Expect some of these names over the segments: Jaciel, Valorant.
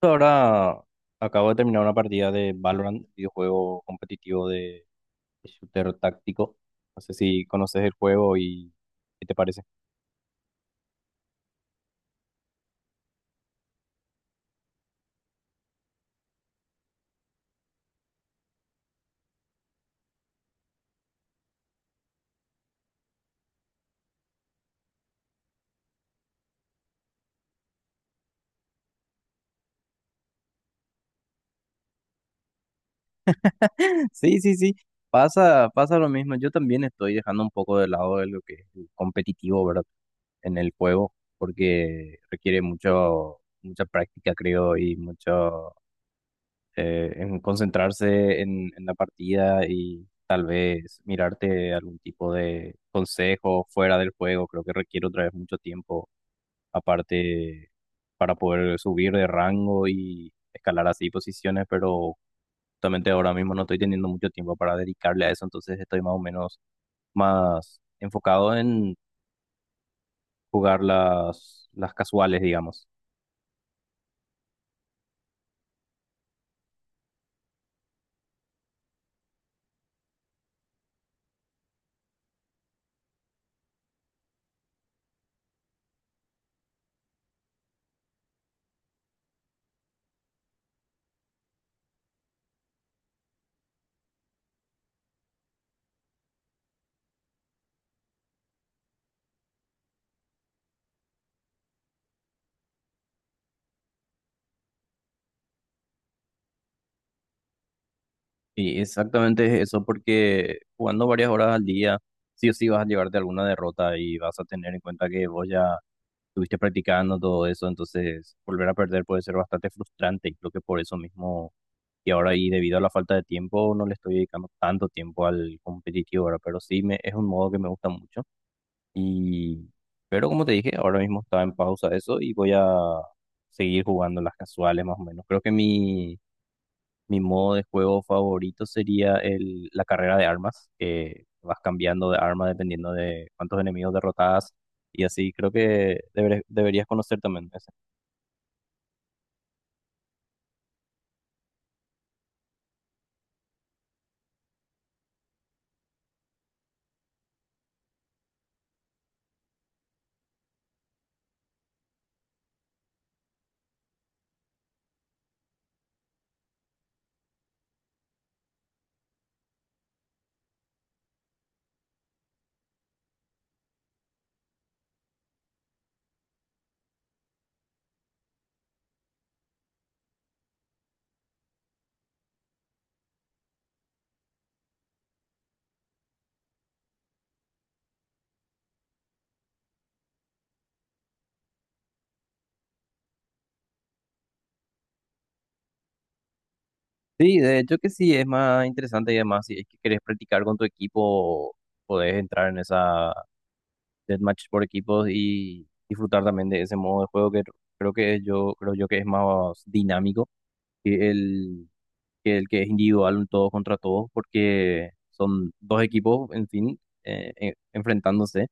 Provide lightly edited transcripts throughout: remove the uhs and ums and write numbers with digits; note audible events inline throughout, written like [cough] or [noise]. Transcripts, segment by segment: Ahora acabo de terminar una partida de Valorant, videojuego competitivo de shooter táctico. No sé si conoces el juego y qué te parece. [laughs] Sí, sí, sí. Pasa, pasa lo mismo. Yo también estoy dejando un poco de lado de lo que es el competitivo, ¿verdad? En el juego, porque requiere mucho, mucha práctica, creo, y mucho en concentrarse en la partida y tal vez mirarte algún tipo de consejo fuera del juego. Creo que requiere otra vez mucho tiempo aparte para poder subir de rango y escalar así posiciones, pero justamente ahora mismo no estoy teniendo mucho tiempo para dedicarle a eso, entonces estoy más o menos más enfocado en jugar las casuales, digamos. Y exactamente es eso, porque jugando varias horas al día, sí o sí vas a llevarte alguna derrota y vas a tener en cuenta que vos ya estuviste practicando todo eso, entonces volver a perder puede ser bastante frustrante y creo que por eso mismo, y ahora y debido a la falta de tiempo, no le estoy dedicando tanto tiempo al competitivo ahora, pero es un modo que me gusta mucho. Y, pero como te dije, ahora mismo está en pausa eso y voy a seguir jugando las casuales más o menos. Creo que mi modo de juego favorito sería la carrera de armas, que vas cambiando de arma dependiendo de cuántos enemigos derrotas y así creo que deberías conocer también ese. Sí, de hecho que sí, es más interesante y además si es que querés practicar con tu equipo, podés entrar en esa deathmatch por equipos y disfrutar también de ese modo de juego que creo yo que es más dinámico que el que el que es individual, un todos contra todos, porque son dos equipos, en fin, enfrentándose.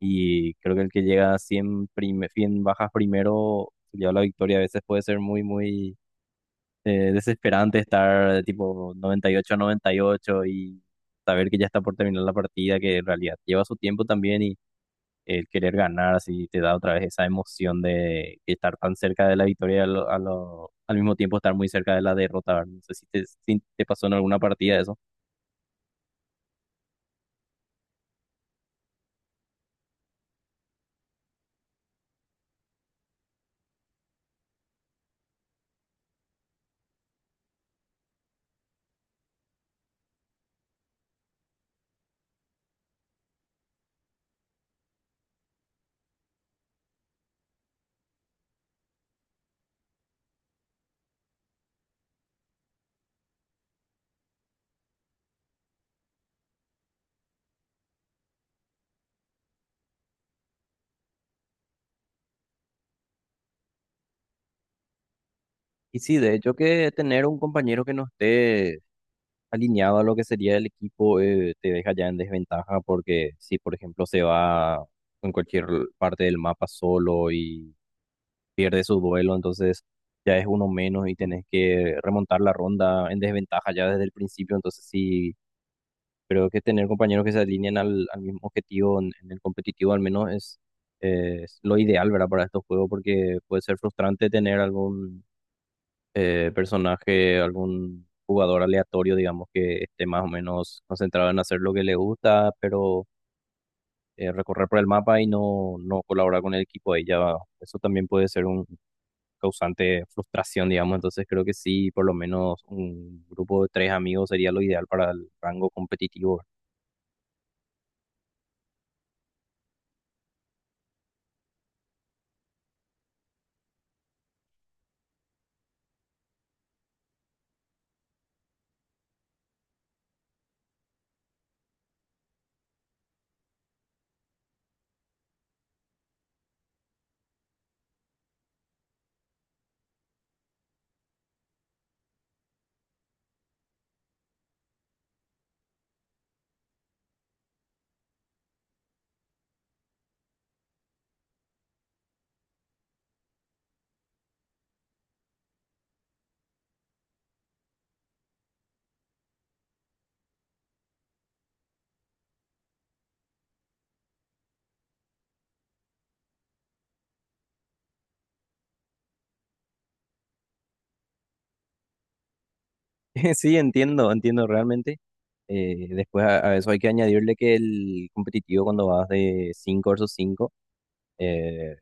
Y creo que el que llega a 100, 100 bajas primero se lleva la victoria. A veces puede ser muy, muy desesperante estar de tipo 98 a 98 y saber que ya está por terminar la partida, que en realidad lleva su tiempo también. Y el querer ganar, así te da otra vez esa emoción de estar tan cerca de la victoria y al mismo tiempo estar muy cerca de la derrota, ¿verdad? No sé si te pasó en alguna partida eso. Y sí, de hecho que tener un compañero que no esté alineado a lo que sería el equipo, te deja ya en desventaja porque si, por ejemplo, se va en cualquier parte del mapa solo y pierde su duelo, entonces ya es uno menos y tenés que remontar la ronda en desventaja ya desde el principio, entonces sí, creo que tener compañeros que se alinean al mismo objetivo en el competitivo al menos es lo ideal, ¿verdad? Para estos juegos, porque puede ser frustrante tener algún personaje, algún jugador aleatorio, digamos, que esté más o menos concentrado en hacer lo que le gusta, pero recorrer por el mapa y no colaborar con el equipo ahí ya, eso también puede ser un causante de frustración, digamos. Entonces creo que sí, por lo menos un grupo de tres amigos sería lo ideal para el rango competitivo. [laughs] Sí, entiendo, entiendo realmente. Después a eso hay que añadirle que el competitivo cuando vas de 5 versus 5 eh,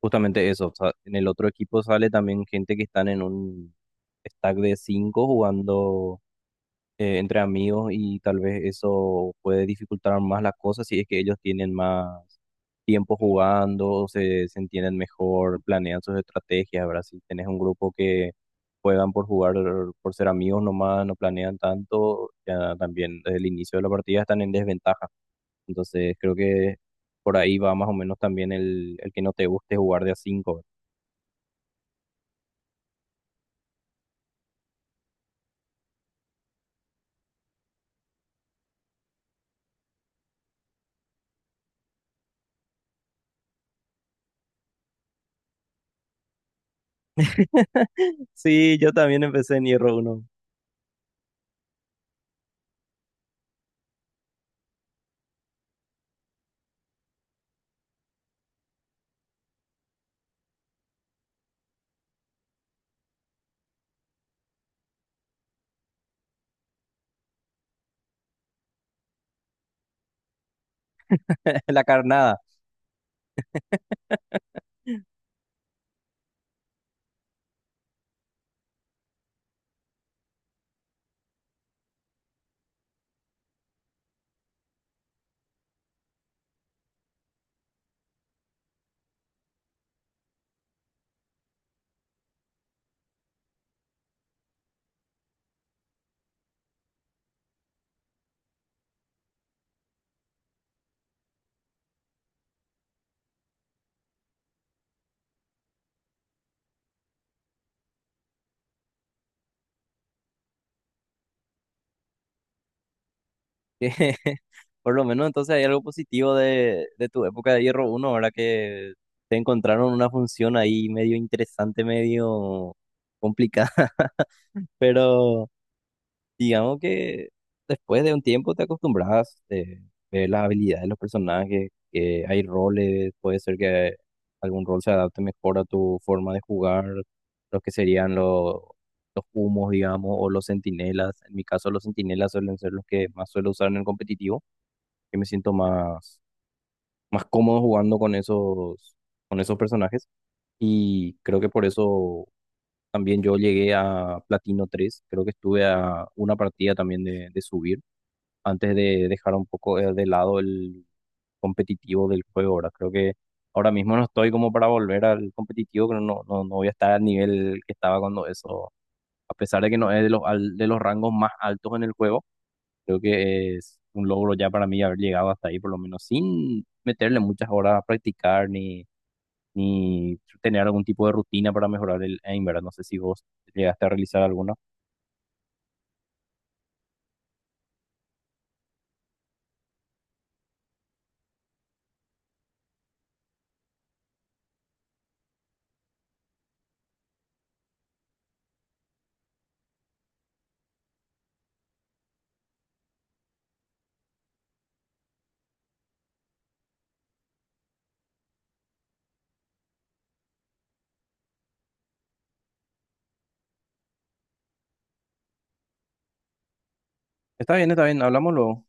justamente eso, o sea, en el otro equipo sale también gente que están en un stack de 5 jugando entre amigos y tal vez eso puede dificultar más las cosas si es que ellos tienen más tiempo jugando, se entienden mejor, planean sus estrategias, ¿verdad? Si tenés un grupo que juegan por jugar, por ser amigos nomás, no planean tanto, ya también desde el inicio de la partida están en desventaja. Entonces creo que por ahí va más o menos también el que no te guste jugar de a cinco. [laughs] Sí, yo también empecé en Hierro Uno. [laughs] La carnada. Que [laughs] por lo menos entonces hay algo positivo de tu época de Hierro uno ahora que te encontraron una función ahí medio interesante, medio complicada, [laughs] pero digamos que después de un tiempo te acostumbras, ver las habilidades de los personajes, que hay roles, puede ser que algún rol se adapte mejor a tu forma de jugar, los que serían los humos, digamos, o los centinelas. En mi caso, los centinelas suelen ser los que más suelo usar en el competitivo, que me siento más, más cómodo jugando con esos personajes. Y creo que por eso también yo llegué a Platino tres. Creo que estuve a una partida también de subir antes de dejar un poco de lado el competitivo del juego. Ahora creo que ahora mismo no estoy como para volver al competitivo, pero no voy a estar al nivel que estaba cuando eso, a pesar de que no es de los, de los rangos más altos en el juego. Creo que es un logro ya para mí haber llegado hasta ahí, por lo menos sin meterle muchas horas a practicar ni tener algún tipo de rutina para mejorar el aim, ¿verdad? No sé si vos llegaste a realizar alguna. Está bien, hablamos luego.